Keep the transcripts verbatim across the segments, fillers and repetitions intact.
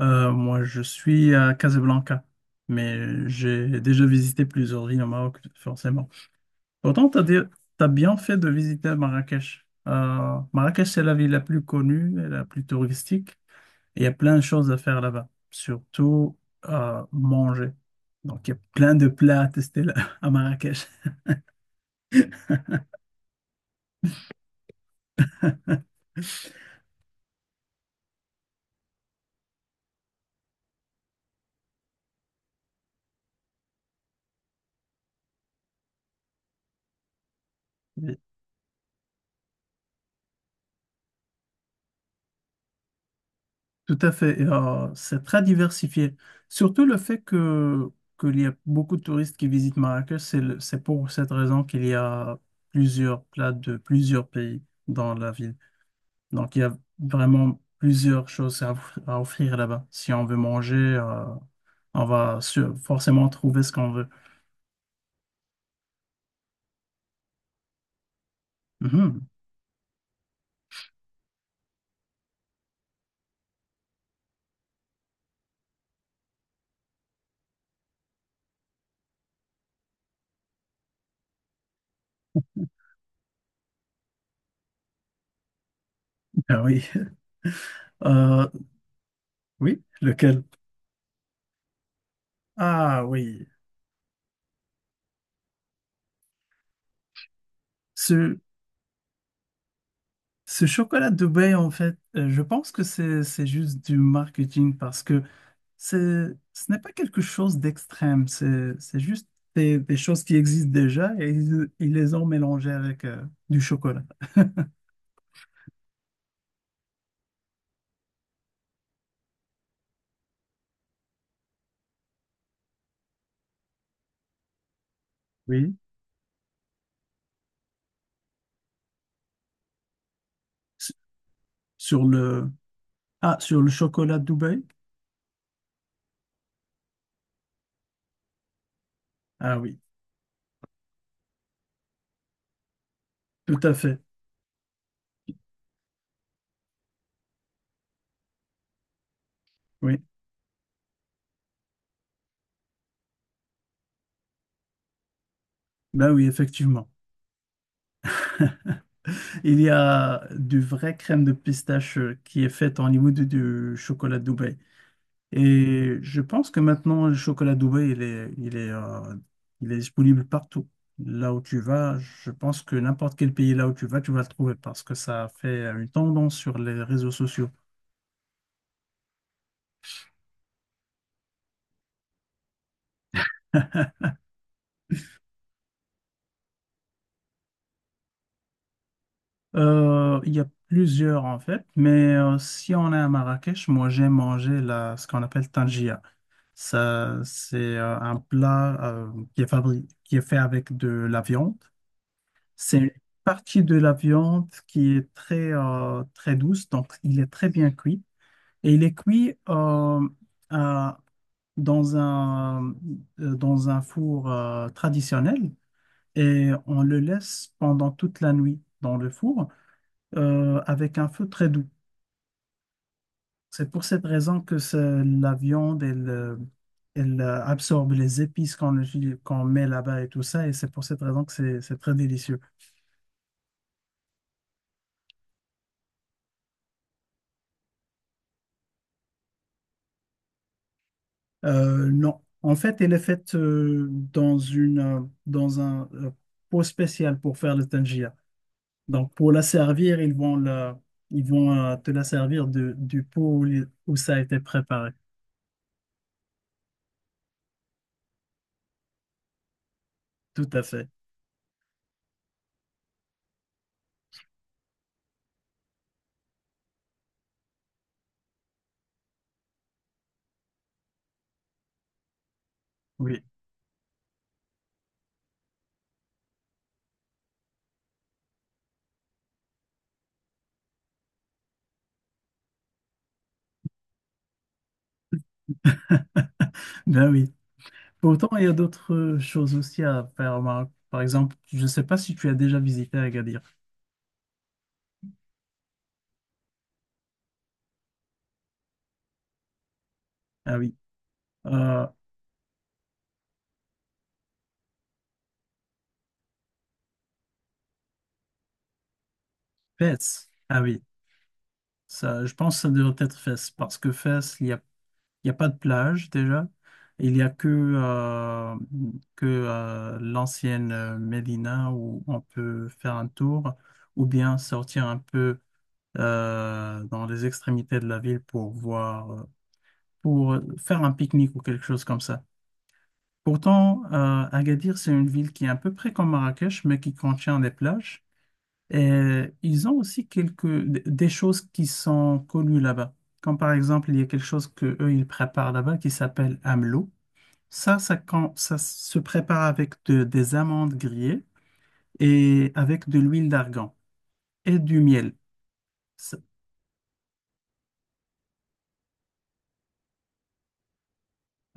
Euh, moi, je suis à Casablanca, mais j'ai déjà visité plusieurs villes au Maroc, forcément. Pourtant, tu as, t'as bien fait de visiter Marrakech. Euh, Marrakech, c'est la ville la plus connue et la plus touristique. Il y a plein de choses à faire là-bas, surtout euh, manger. Donc, il y a plein de plats à tester là- à Marrakech. Tout à fait. Et, euh, c'est très diversifié. Surtout le fait que qu'il y a beaucoup de touristes qui visitent Marrakech, c'est le- c'est pour cette raison qu'il y a plusieurs plats de plusieurs pays dans la ville. Donc il y a vraiment plusieurs choses à, off- à offrir là-bas. Si on veut manger, euh, on va sur- forcément trouver ce qu'on veut. Mhm. Ah oui. Euh, oui, lequel? Ah oui. Ce, ce chocolat de Dubaï, en fait, euh, je pense que c'est c'est juste du marketing parce que c'est- ce n'est pas quelque chose d'extrême, c'est c'est juste des, des choses qui existent déjà et ils, ils les ont mélangées avec euh, du chocolat. Oui. S- Sur le, ah, sur le chocolat de Dubaï? Ah oui, tout à fait. Oui, ben oui, effectivement. Il y a du vrai crème de pistache euh, qui est faite en imité du chocolat de Dubaï. Et je pense que maintenant, le chocolat Dubaï, il est, il est, euh, il est disponible partout. Là où tu vas, je pense que n'importe quel pays là où tu vas, tu vas le trouver parce que ça fait une tendance sur les réseaux sociaux. Euh, il y a plusieurs en fait, mais euh, si on est à Marrakech, moi j'aime manger la, ce qu'on appelle tangia. Ça, c'est euh, un plat euh, qui est fabri- qui est fait avec de la viande. C'est une partie de la viande qui est très, euh, très douce, donc il est très bien cuit. Et il est cuit euh, à- dans un, euh, dans un four euh, traditionnel et on le laisse pendant toute la nuit dans le four euh, avec un feu très doux. C'est pour cette raison que c'est- la viande, elle, euh, elle euh, absorbe les épices qu'on utilise- qu'on met là-bas et tout ça, et c'est pour cette raison que c'est c'est très délicieux. Euh, non. En fait, elle est faite euh, dans une, euh, dans un euh, pot spécial pour faire le tangia. Donc, pour la servir, ils vont, la, ils vont euh, te la servir de, du pot où, les- où ça a été préparé. Tout à fait. Oui. Ben oui. Pourtant, il y a d'autres euh, choses aussi à faire au Maroc. Par exemple, je ne sais pas si tu as déjà visité Agadir. Ah oui. Euh, Fès. Ah oui. Ça, je pense que ça devrait être Fès parce que Fès, il y a Il n'y a pas de plage déjà. Il n'y a que, euh, que euh, l'ancienne euh, Médina où on peut faire un tour ou bien sortir un peu euh, dans les extrémités de la ville pour voir, euh, pour faire un pique-nique ou quelque chose comme ça. Pourtant, euh, Agadir, c'est une ville qui est à peu près comme Marrakech, mais qui contient des plages. Et ils ont aussi quelques, des choses qui sont connues là-bas. Comme par exemple, il y a quelque chose que eux, ils préparent là-bas qui s'appelle AMLO. Ça, ça, quand, ça se prépare avec de- des amandes grillées et avec de l'huile d'argan et du miel. C-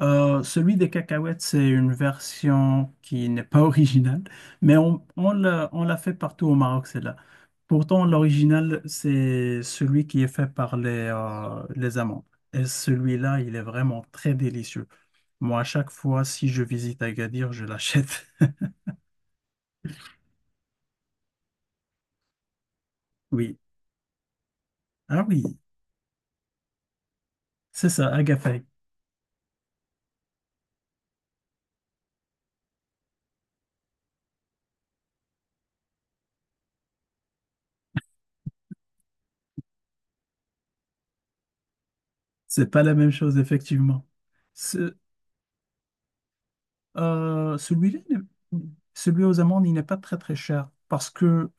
euh, Celui des cacahuètes, c'est une version qui n'est pas originale, mais on, on l'a, on l'a fait partout au Maroc, celle-là. Pourtant, l'original, c'est celui qui est fait par les, euh, les amandes. Et celui-là, il est vraiment très délicieux. Moi, à chaque fois, si je visite Agadir, je l'achète. Oui. Ah oui, c'est ça, Agafay. C'est pas la même chose, effectivement. Ce- euh, celui-là, n'est- celui aux amendes, il n'est pas très très cher parce que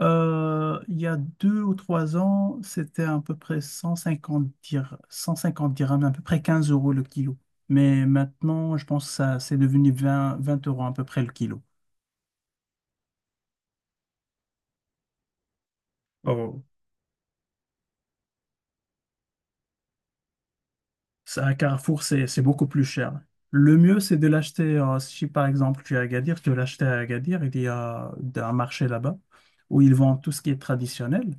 euh, il y a deux ou trois ans, c'était à peu près cent cinquante dir- 150 dirhams, à peu près quinze euros le kilo. Mais maintenant, je pense que ça, c'est devenu vingt 20 euros à peu près le kilo. C'est un Carrefour, c'est c'est beaucoup plus cher. Le mieux, c'est de l'acheter, euh, si par exemple tu es à Agadir, tu veux l'acheter à Agadir, il y a un marché là-bas où ils vendent tout ce qui est traditionnel.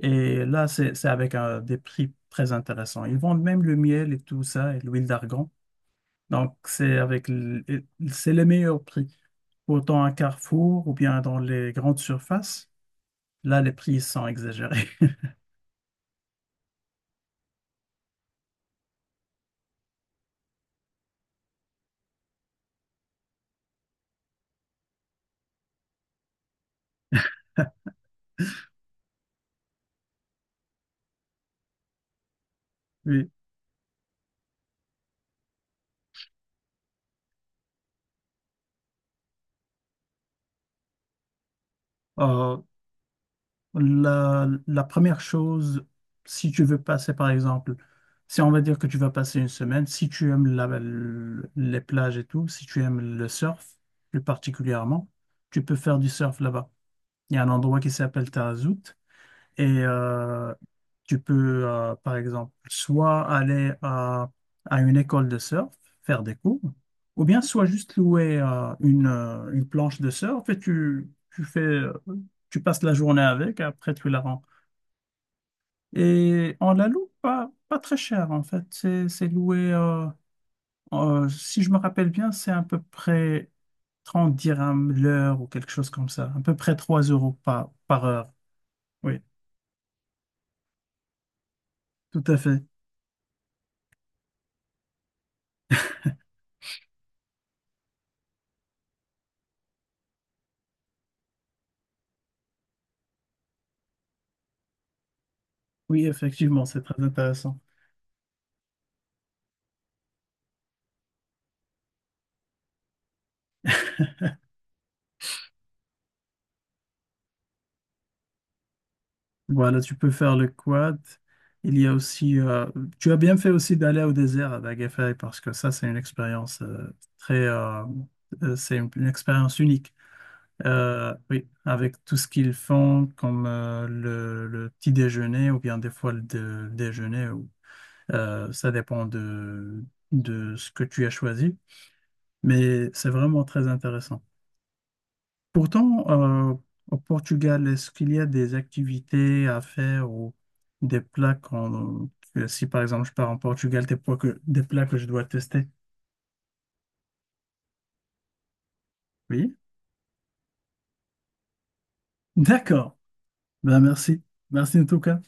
Et là, c'est c'est avec euh, des prix très intéressants. Ils vendent même le miel et tout ça, et l'huile d'argan. Donc, c'est avec l- et c'est les meilleurs prix. Autant à Carrefour ou bien dans les grandes surfaces, là, les prix sont exagérés. Oui. Euh, La, la première chose, si tu veux passer, par exemple, si on va dire que tu vas passer une semaine, si tu aimes la- le- les plages et tout, si tu aimes le surf plus particulièrement, tu peux faire du surf là-bas. Il y a un endroit qui s'appelle Tarazout. Et euh, tu peux, euh, par exemple, soit aller à, à une école de surf, faire des cours, ou bien soit juste louer euh, une, euh, une planche de surf et tu, tu fais, euh, tu passes la journée avec, après tu la rends. Et on la loue pas, pas très cher, en fait. C'est, c'est loué, euh, euh, si je me rappelle bien, c'est à peu près trente dirhams l'heure ou quelque chose comme ça, à peu près trois euros par, par heure. Oui, tout à fait. Oui, effectivement, c'est très intéressant. Voilà, tu peux faire le quad. Il y a aussi, euh, tu as bien fait aussi d'aller au désert à Dagafay parce que ça, c'est une expérience euh, très, euh, euh, c'est une, une expérience unique. Euh, oui, avec tout ce qu'ils font comme euh, le, le petit déjeuner ou bien des fois le, dé- déjeuner, ou, euh, ça dépend de, de ce que tu as choisi, mais c'est vraiment très intéressant. Pourtant, euh, au Portugal, est-ce qu'il y a des activités à faire ou des plats qu'on- que si par exemple je pars en Portugal, des plats que, des plats que je dois tester? Oui. D'accord. Ben merci. Merci en tout cas.